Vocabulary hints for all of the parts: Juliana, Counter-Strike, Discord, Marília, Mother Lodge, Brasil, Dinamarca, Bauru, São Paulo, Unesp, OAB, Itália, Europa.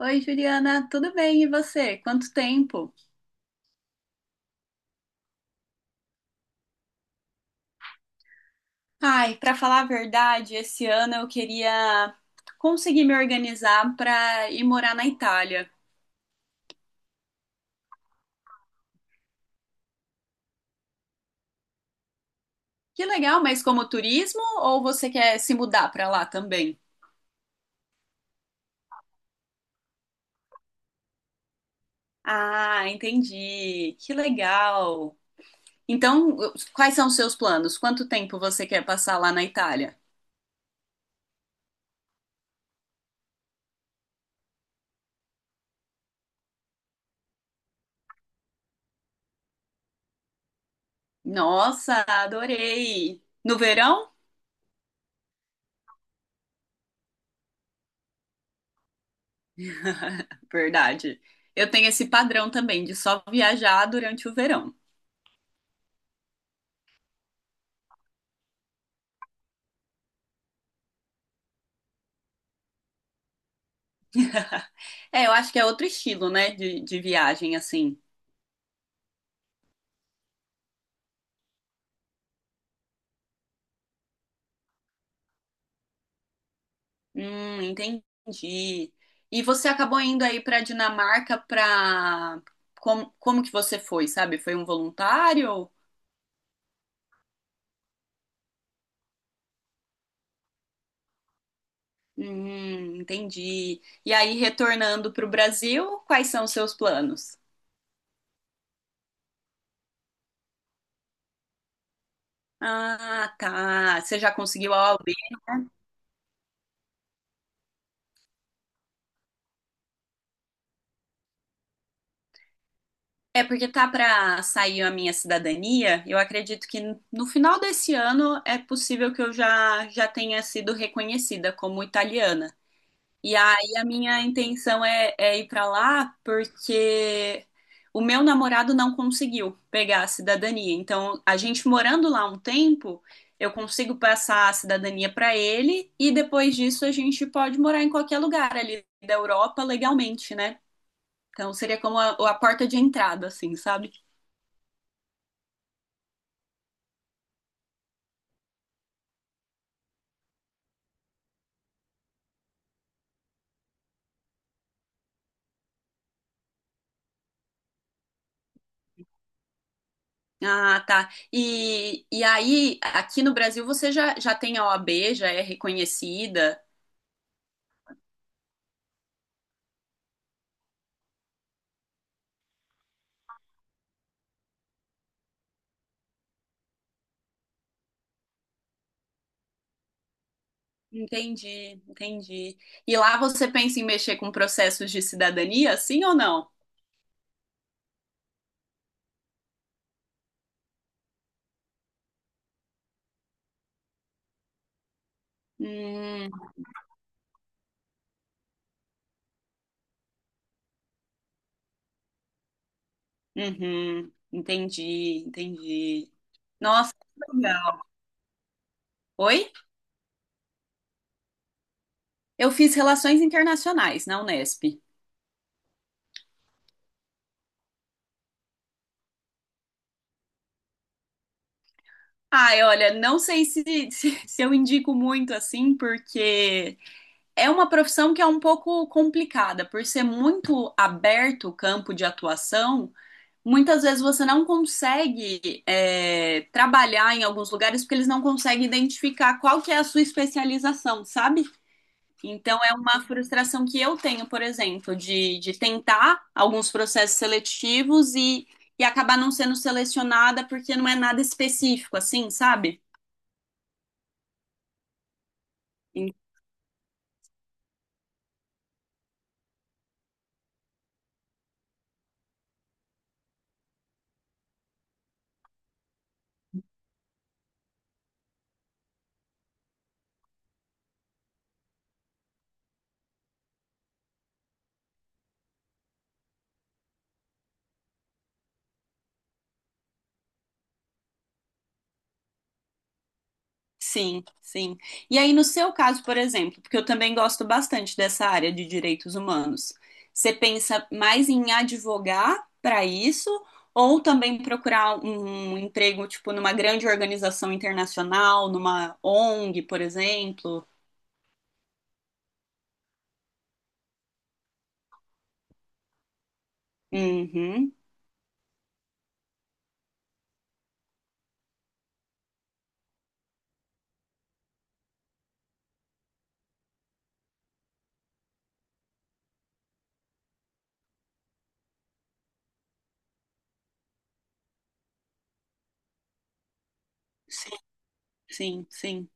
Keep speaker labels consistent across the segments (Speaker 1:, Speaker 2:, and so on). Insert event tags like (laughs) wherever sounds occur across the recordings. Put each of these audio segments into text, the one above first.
Speaker 1: Oi, Juliana, tudo bem? E você? Quanto tempo? Ai, para falar a verdade, esse ano eu queria conseguir me organizar para ir morar na Itália. Que legal, mas como turismo ou você quer se mudar para lá também? Ah, entendi. Que legal. Então, quais são os seus planos? Quanto tempo você quer passar lá na Itália? Nossa, adorei. No verão? (laughs) Verdade. Eu tenho esse padrão também de só viajar durante o verão. (laughs) É, eu acho que é outro estilo, né, de viagem, assim. Entendi. E você acabou indo aí pra Dinamarca. Como que você foi, sabe? Foi um voluntário? Entendi. E aí, retornando pro Brasil, quais são os seus planos? Ah, tá. Você já conseguiu a OAB? É porque tá pra sair a minha cidadania. Eu acredito que no final desse ano é possível que eu já tenha sido reconhecida como italiana. E aí a minha intenção é ir pra lá porque o meu namorado não conseguiu pegar a cidadania. Então, a gente morando lá um tempo, eu consigo passar a cidadania pra ele e depois disso a gente pode morar em qualquer lugar ali da Europa legalmente, né? Então seria como a porta de entrada, assim, sabe? Ah, tá. E aí, aqui no Brasil você já tem a OAB, já é reconhecida. Entendi, entendi. E lá você pensa em mexer com processos de cidadania, sim ou não? Hum, uhum, entendi, entendi. Nossa, que legal. Oi? Eu fiz relações internacionais na Unesp. Ai, olha, não sei se, (laughs) se eu indico muito assim, porque é uma profissão que é um pouco complicada, por ser muito aberto o campo de atuação. Muitas vezes você não consegue trabalhar em alguns lugares porque eles não conseguem identificar qual que é a sua especialização, sabe? Então é uma frustração que eu tenho, por exemplo, de tentar alguns processos seletivos e acabar não sendo selecionada porque não é nada específico, assim, sabe? Sim, sim. E aí, no seu caso, por exemplo, porque eu também gosto bastante dessa área de direitos humanos, você pensa mais em advogar para isso ou também procurar um emprego, tipo, numa grande organização internacional, numa ONG, por exemplo? Uhum. Sim, sim, sim.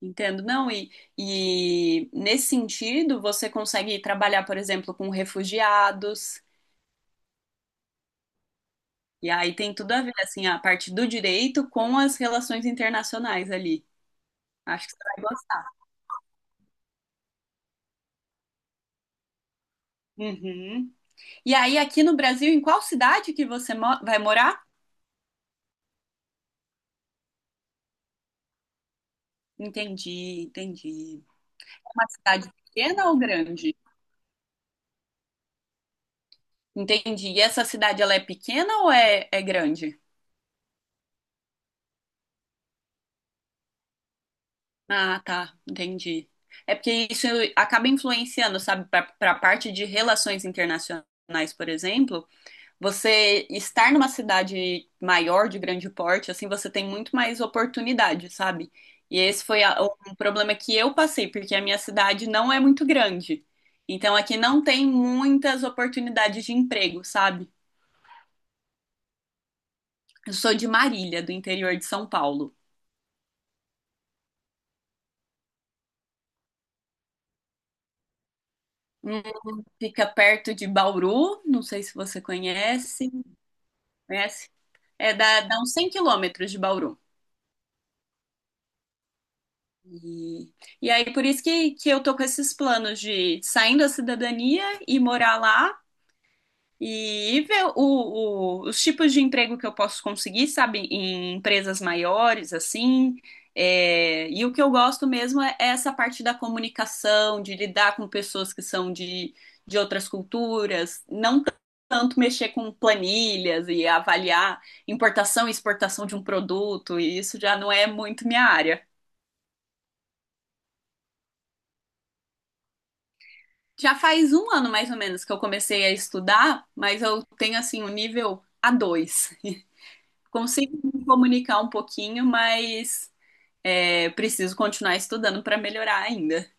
Speaker 1: Entendo. Não, e nesse sentido, você consegue trabalhar, por exemplo, com refugiados. E aí tem tudo a ver, assim, a parte do direito com as relações internacionais ali. Acho que você vai gostar. Uhum. E aí, aqui no Brasil, em qual cidade que você vai morar? Entendi, entendi. É uma cidade pequena ou grande? Entendi. E essa cidade, ela é pequena ou é grande? Ah, tá, entendi. É porque isso acaba influenciando, sabe, para a parte de relações internacionais, por exemplo. Você estar numa cidade maior, de grande porte, assim, você tem muito mais oportunidade, sabe? E esse foi um problema que eu passei, porque a minha cidade não é muito grande. Então aqui não tem muitas oportunidades de emprego, sabe? Eu sou de Marília, do interior de São Paulo. Hum, Fica perto de Bauru, não sei se você conhece. Conhece? É, dá uns 100 km de Bauru. E, e aí, por isso que eu tô com esses planos de saindo da cidadania e morar lá e ver os tipos de emprego que eu posso conseguir, sabe, em empresas maiores, assim. É, e o que eu gosto mesmo é essa parte da comunicação, de lidar com pessoas que são de outras culturas, não tanto mexer com planilhas e avaliar importação e exportação de um produto, e isso já não é muito minha área. Já faz um ano mais ou menos que eu comecei a estudar, mas eu tenho assim o nível A2. Consigo me comunicar um pouquinho, mas preciso continuar estudando para melhorar ainda.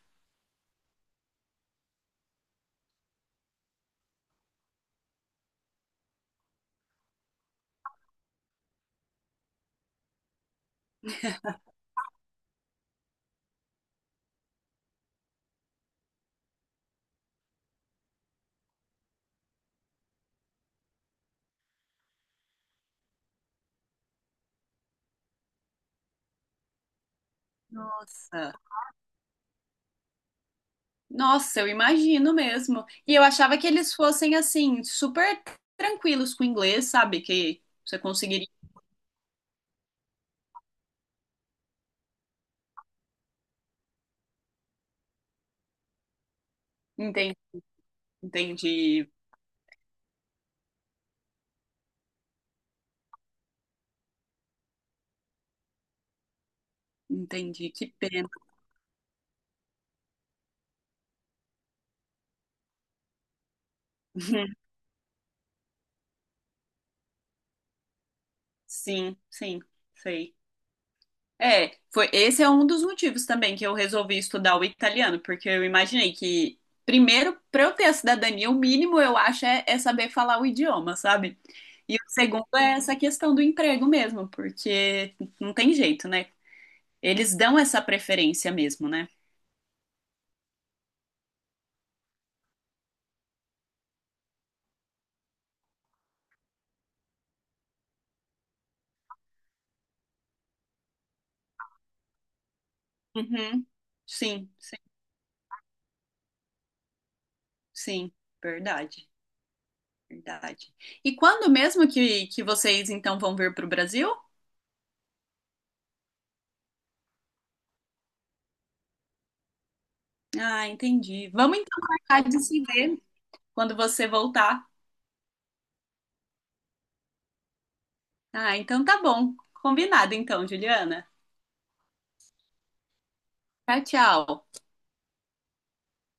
Speaker 1: Nossa. Nossa, eu imagino mesmo. E eu achava que eles fossem assim super tranquilos com o inglês, sabe? Que você conseguiria. Entendi, entendi, entendi. Que pena. (laughs) Sim, sim, sei. É, foi, esse é um dos motivos também que eu resolvi estudar o italiano, porque eu imaginei que, primeiro, para eu ter a cidadania, o mínimo eu acho é saber falar o idioma, sabe? E o segundo é essa questão do emprego mesmo, porque não tem jeito, né? Eles dão essa preferência mesmo, né? Uhum. Sim, sim, sim, verdade, verdade. E quando mesmo que vocês então vão vir para o Brasil? Ah, entendi. Vamos então marcar de se ver quando você voltar. Ah, então tá bom. Combinado então, Juliana. Tchau, tchau.